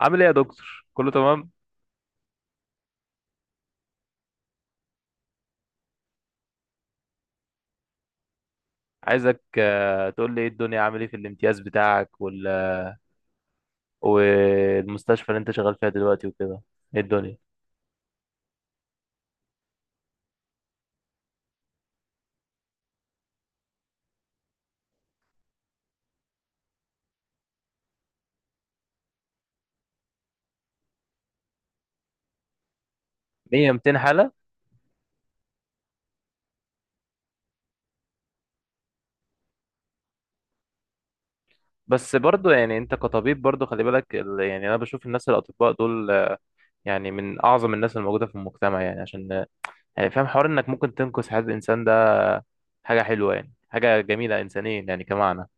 عامل ايه يا دكتور؟ كله تمام؟ عايزك تقول لي ايه الدنيا، عامل ايه في الامتياز بتاعك والمستشفى اللي انت شغال فيها دلوقتي وكده. ايه الدنيا؟ 100 200 حالة. بس برضو يعني انت كطبيب برضو خلي بالك يعني انا بشوف الناس الاطباء دول يعني من اعظم الناس الموجودة في المجتمع، يعني عشان يعني فاهم حوار انك ممكن تنقذ حياة الانسان ده. حاجة حلوة، يعني حاجة جميلة انسانيا يعني كمعنى.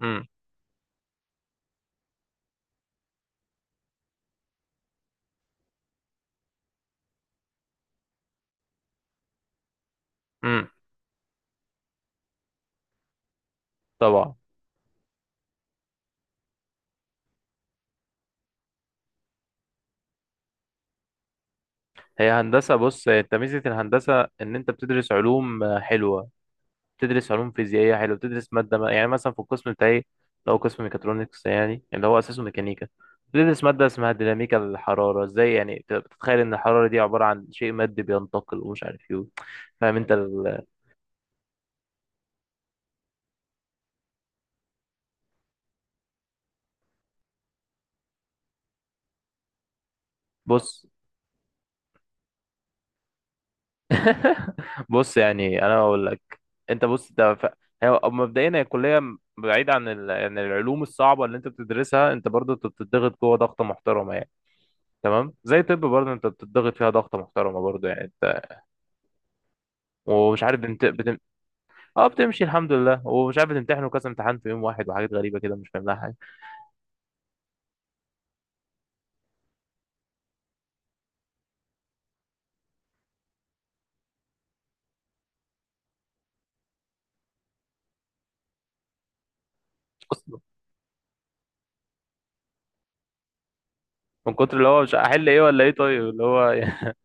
امم. امم. طبعا. هي هندسة، بص انت ميزة الهندسة ان انت بتدرس علوم حلوة. بتدرس علوم فيزيائية حلو، بتدرس مادة، ما يعني مثلا في القسم بتاعي لو قسم ميكاترونكس يعني اللي هو أساسه ميكانيكا، بتدرس مادة اسمها ديناميكا الحرارة. ازاي يعني بتتخيل إن الحرارة دي عبارة عن شيء مادي بينتقل ومش عارف ايه. فاهم انت بص. بص يعني أنا بقول لك، انت بص، ده هي مبدئيا هي الكلية، بعيد عن عن العلوم الصعبة اللي انت بتدرسها، انت برضه انت بتضغط جوه ضغطة محترمة يعني. تمام، زي طب برضه انت بتضغط فيها ضغطة محترمة برضه يعني انت. ومش عارف بتمتحن. اه، بتمشي الحمد لله، ومش عارف بتمتحن وكذا امتحان في يوم واحد، وحاجات غريبه كده مش فاهم لها حاجه اصلا. من كتر اللي هو، مش هحل ايه ولا ايه؟ طيب اللي هو يعني...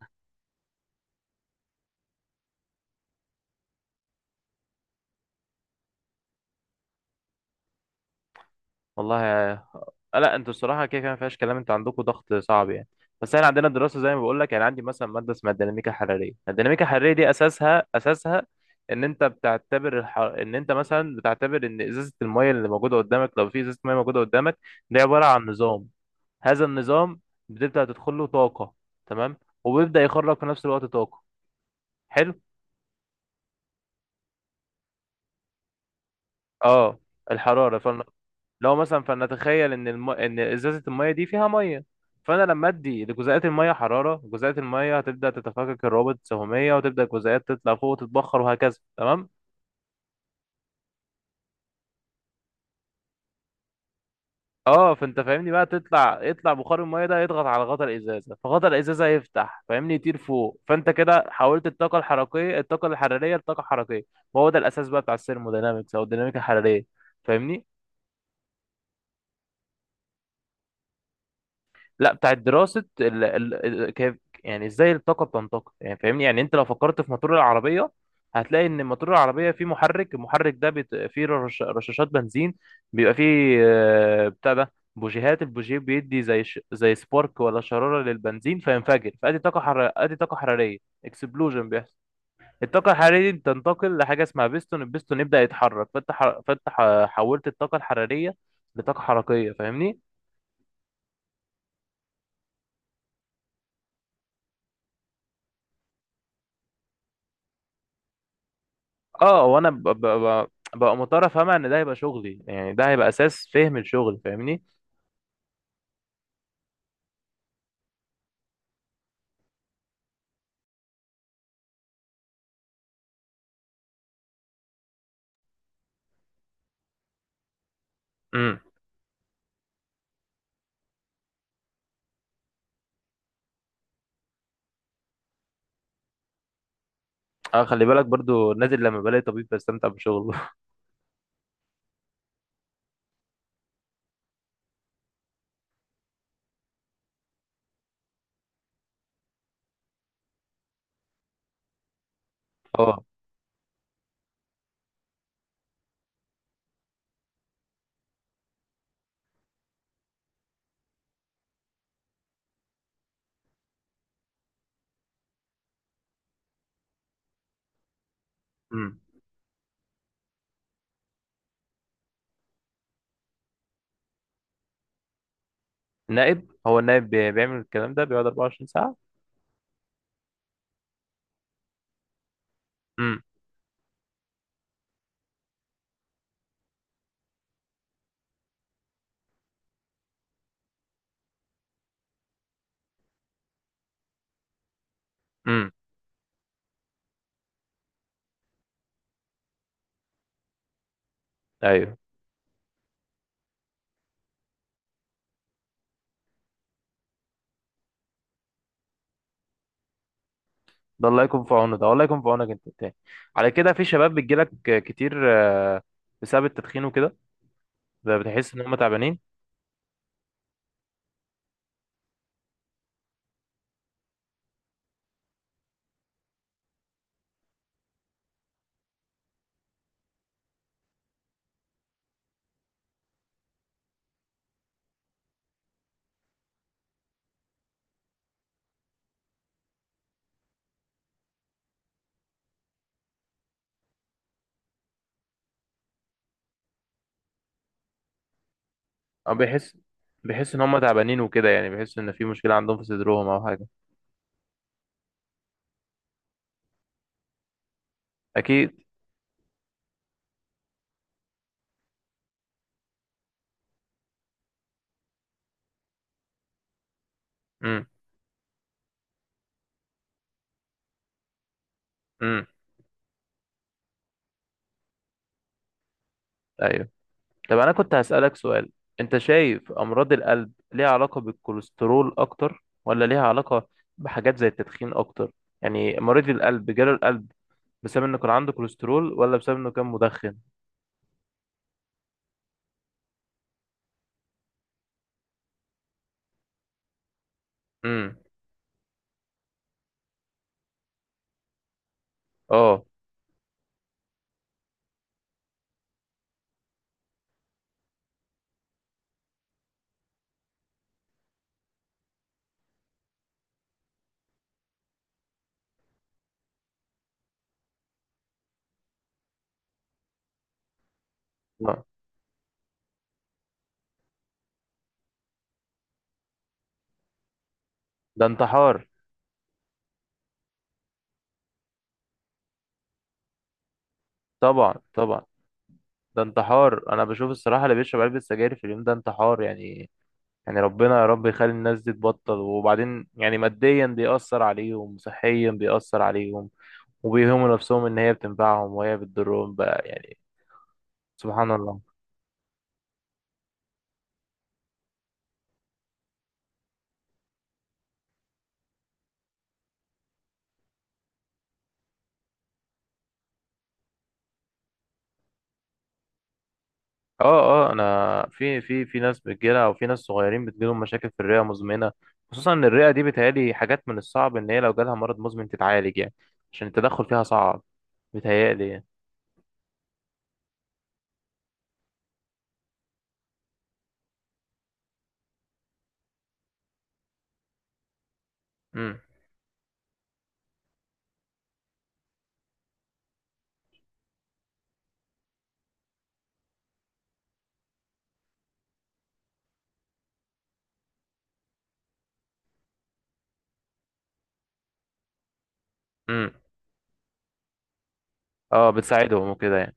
والله لا، انتوا الصراحه كده كده ما فيهاش كلام، انتوا عندكم ضغط صعب يعني. بس احنا عندنا دراسه زي ما بقول لك، يعني عندي مثلا ماده اسمها الديناميكا الحراريه. الديناميكا الحراريه دي اساسها ان انت مثلا بتعتبر ان ازازه الميه اللي موجوده قدامك، لو في ازازه ميه موجوده قدامك، دي عباره عن نظام. هذا النظام بتبدا تدخل له طاقه، تمام؟ وبيبدا يخرج في نفس الوقت طاقه، حلو. اه الحراره لو مثلا فلنتخيل ان ازازه الميه دي فيها ميه. فانا لما ادي لجزيئات الميه حراره، جزيئات الميه هتبدا تتفكك الروابط السهميه، وتبدا الجزيئات تطلع فوق وتتبخر وهكذا، تمام. اه، فانت فاهمني بقى، يطلع بخار الميه ده يضغط على غطا الازازه، فغطا الازازه يفتح، فاهمني، يطير فوق. فانت كده حولت الطاقه الحراريه لطاقه حركيه. وهو ده الاساس بقى بتاع الثيرموداينامكس او الديناميكا الحراريه، فاهمني؟ لا، بتاعت دراسة كيف، يعني ازاي الطاقة بتنتقل، يعني فاهمني. يعني انت لو فكرت في موتور العربية، هتلاقي ان موتور العربية فيه محرك. المحرك ده فيه رشاشات بنزين، بيبقى فيه بتاع ده بوجيهات. البوجيه بيدي زي سبارك ولا شرارة للبنزين، فينفجر ادي طاقة حرارية. اكسبلوجن بيحصل. الطاقة الحرارية دي بتنتقل لحاجة اسمها بيستون. البيستون يبدأ يتحرك، حولت الطاقة الحرارية لطاقة حركية، فاهمني؟ اه، وانا ببقى مضطر افهمها ان ده هيبقى شغلي، يعني ده هيبقى اساس فهم الشغل، فاهمني؟ امم. اه، خلي بالك برضو نازل لما بلاقي طبيب بستمتع بشغله. اه. امم. نائب؟ هو النائب بيعمل الكلام ده بيقعد 24 ساعة؟ امم. امم. ايوه. ده الله يكون في عونه، ده والله يكون في عونك انت التاني. على كده في شباب بتجيلك كتير بسبب التدخين وكده، بتحس ان هم تعبانين؟ او بيحس ان هم تعبانين وكده، يعني بيحس ان في مشكلة عندهم في صدرهم او حاجة. اكيد. امم. امم. ايوه. طب انا كنت هسألك سؤال، انت شايف امراض القلب ليها علاقة بالكوليسترول اكتر، ولا ليها علاقة بحاجات زي التدخين اكتر؟ يعني مريض القلب جاله القلب بسبب انه كان عنده كوليسترول، ولا بسبب انه كان مدخن؟ امم. اه. آه. ده انتحار. طبعا طبعا. ده انتحار، انا بشوف الصراحة اللي بيشرب علبة سجاير في اليوم ده انتحار يعني. يعني ربنا، يا رب يخلي الناس دي تبطل. وبعدين يعني ماديا بيأثر عليهم، صحيا بيأثر عليهم، وبيهموا نفسهم ان هي بتنفعهم وهي بتضرهم بقى يعني. سبحان الله. اه، اه، انا في ناس بتجيلها، او في ناس صغيرين بتجيلهم مشاكل في الرئه مزمنه، خصوصا ان الرئه دي بتهيألي حاجات من الصعب ان هي لو جالها مرض مزمن تتعالج، يعني عشان التدخل فيها صعب، بتهيألي يعني. امم. امم. اه، بتساعدهم وكده يعني.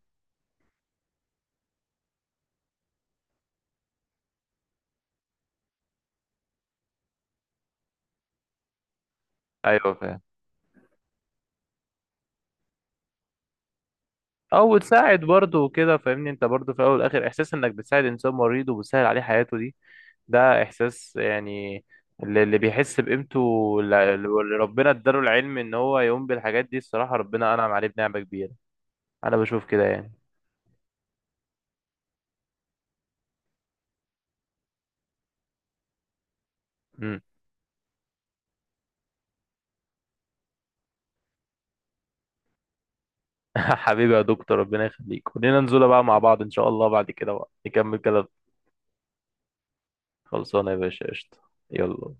ايوه، فاهم. او بتساعد برضه وكده، فاهمني؟ انت برضه في الاول والاخر احساس انك بتساعد انسان مريض وبتسهل عليه حياته دي، ده احساس يعني. اللي بيحس بقيمته، اللي ربنا اداله العلم ان هو يقوم بالحاجات دي، الصراحة ربنا انعم عليه بنعمة كبيرة، انا بشوف كده يعني. امم. حبيبي يا دكتور، ربنا يخليك. خلينا ننزل بقى مع بعض ان شاء الله، بعد كده بقى نكمل كلام. خلصانه يا باشا، قشطة. يلا.